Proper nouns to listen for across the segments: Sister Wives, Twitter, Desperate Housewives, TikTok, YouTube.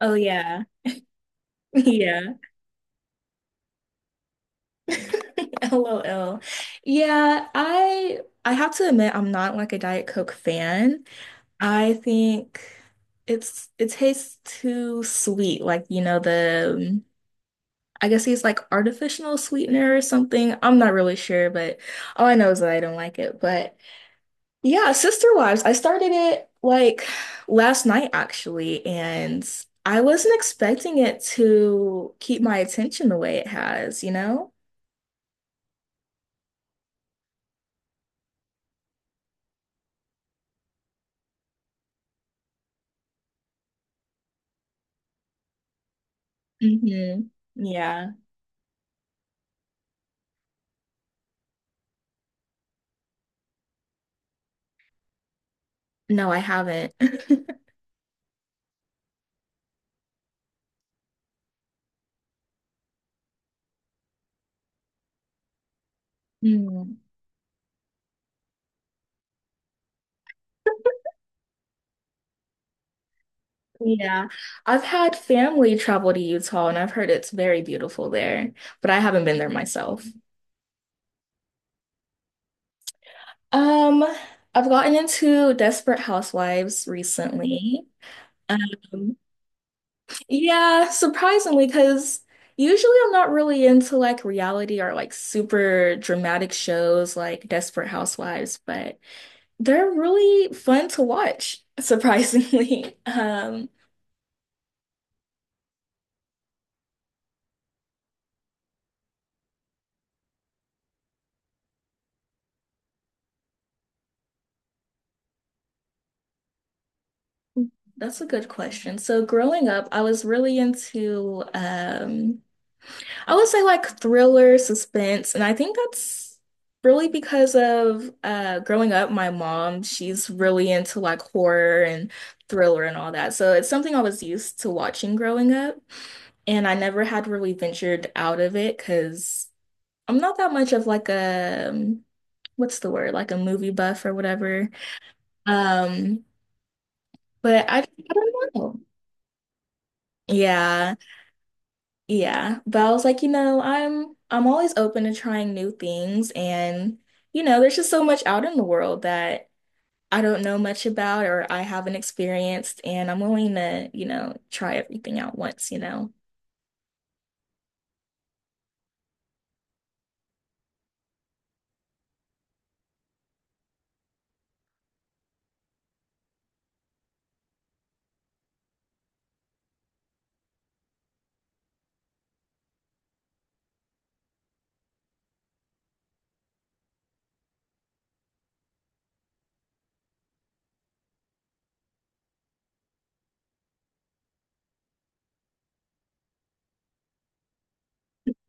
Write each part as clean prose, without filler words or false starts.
Oh yeah. Yeah. LOL. Yeah, I have to admit I'm not like a Diet Coke fan. I think it tastes too sweet, like you know the I guess it's like artificial sweetener or something. I'm not really sure, but all I know is that I don't like it. But yeah, Sister Wives, I started it like last night actually, and I wasn't expecting it to keep my attention the way it has, you know? Hmm. Yeah. No, I haven't. Mm. Yeah. I've had family travel to Utah and I've heard it's very beautiful there, but I haven't been there myself. Um, I've gotten into Desperate Housewives recently. Um, yeah, surprisingly, because usually I'm not really into like reality or like super dramatic shows like Desperate Housewives, but they're really fun to watch, surprisingly. That's a good question. So growing up, I was really into I would say like thriller, suspense, and I think that's really because of growing up, my mom, she's really into like horror and thriller and all that. So it's something I was used to watching growing up, and I never had really ventured out of it because I'm not that much of like a what's the word? Like a movie buff or whatever. Um, but I don't know. Yeah. Yeah, but I was like, I'm always open to trying new things and there's just so much out in the world that I don't know much about or I haven't experienced and I'm willing to try everything out once.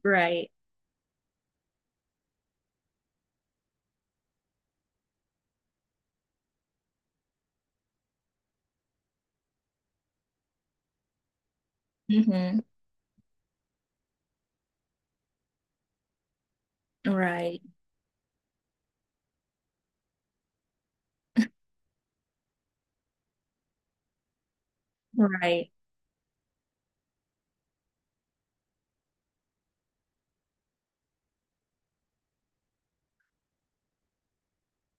Right. Hmm. Right. Right.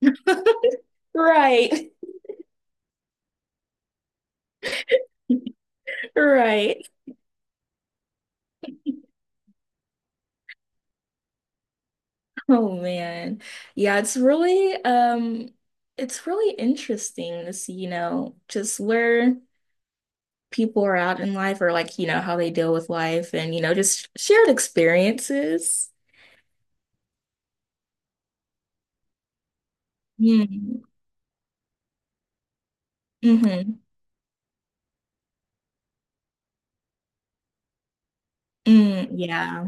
Right. Right. Oh man. Yeah, it's really interesting to see, just where people are out in life or like how they deal with life and just shared experiences. Mm, mm-hmm. Mm, yeah.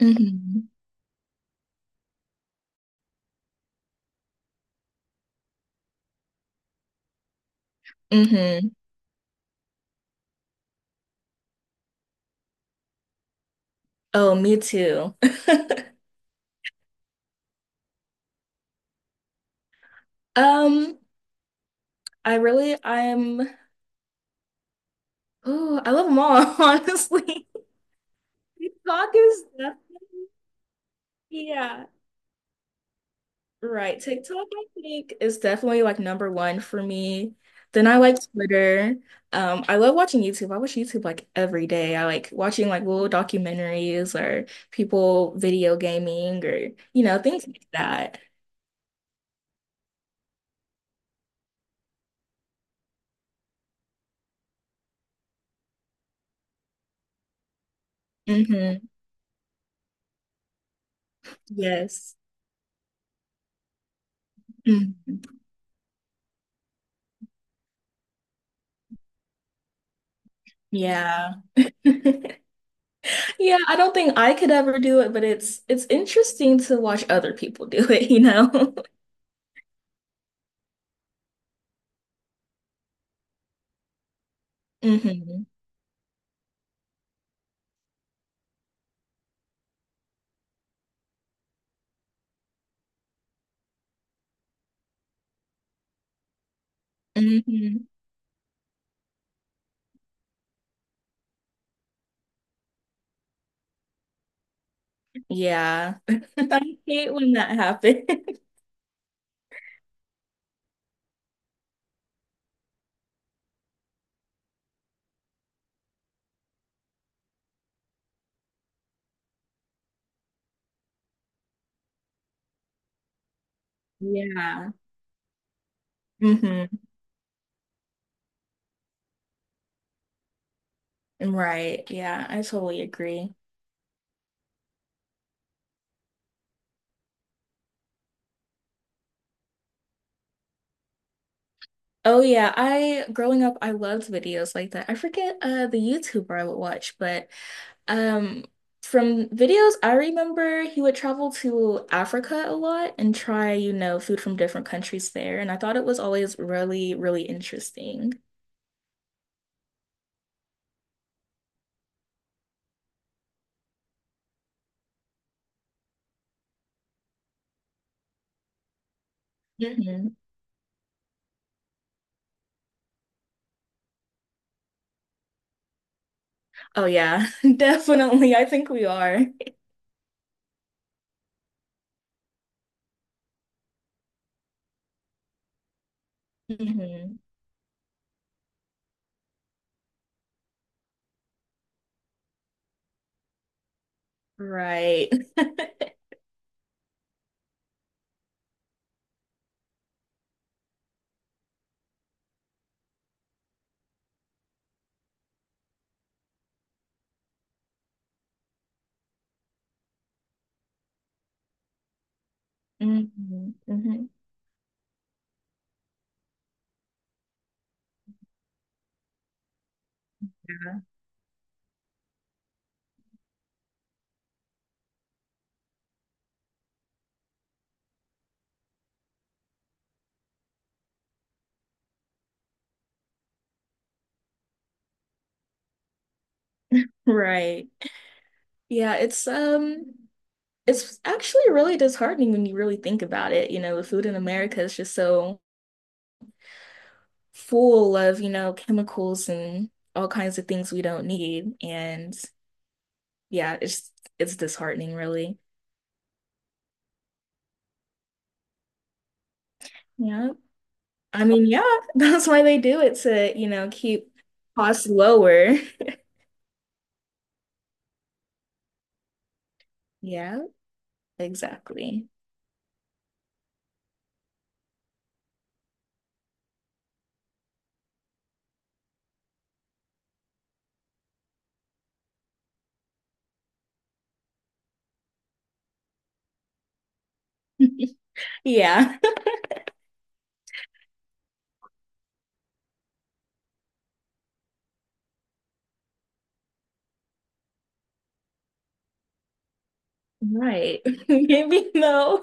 Mm-hmm. Mm-hmm. Oh, me too. Um, I really, I'm, oh, I love them all, honestly. TikTok is definitely, yeah. Right. TikTok, I think, is definitely like number one for me. Then I like Twitter. I love watching YouTube. I watch YouTube like every day. I like watching like little documentaries or people video gaming or things like that. Hmm. Yes. Mhm. Yeah. Yeah, I don't think I could ever do it, but it's interesting to watch other people do it, you know? Hmm. Hmm. Yeah. I hate when that happens. Yeah. Hmm. Right. Yeah, I totally agree. Oh yeah, I growing up I loved videos like that. I forget the YouTuber I would watch, but um from videos I remember he would travel to Africa a lot and try food from different countries there, and I thought it was always really, really interesting. Hmm. Oh yeah, definitely. I think we are. Hmm. Right. Hmm. Hmm. Right. Yeah, it's actually really disheartening when you really think about it. The food in America is just so full of chemicals and all kinds of things we don't need. And yeah, it's disheartening really. Yeah. I mean, yeah, that's why they do it to keep costs lower. Yeah, exactly. Yeah. Right. Maybe they'll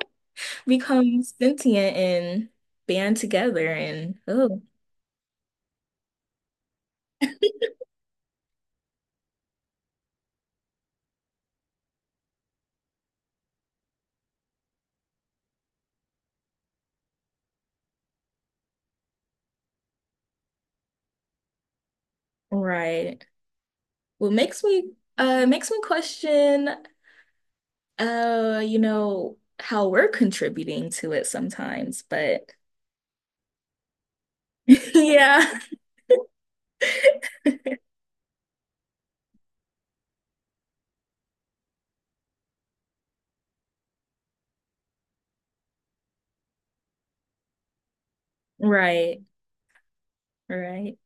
become sentient and band together and oh. Right. Well, makes me question you know how we're contributing to it sometimes, but yeah. Right. Right.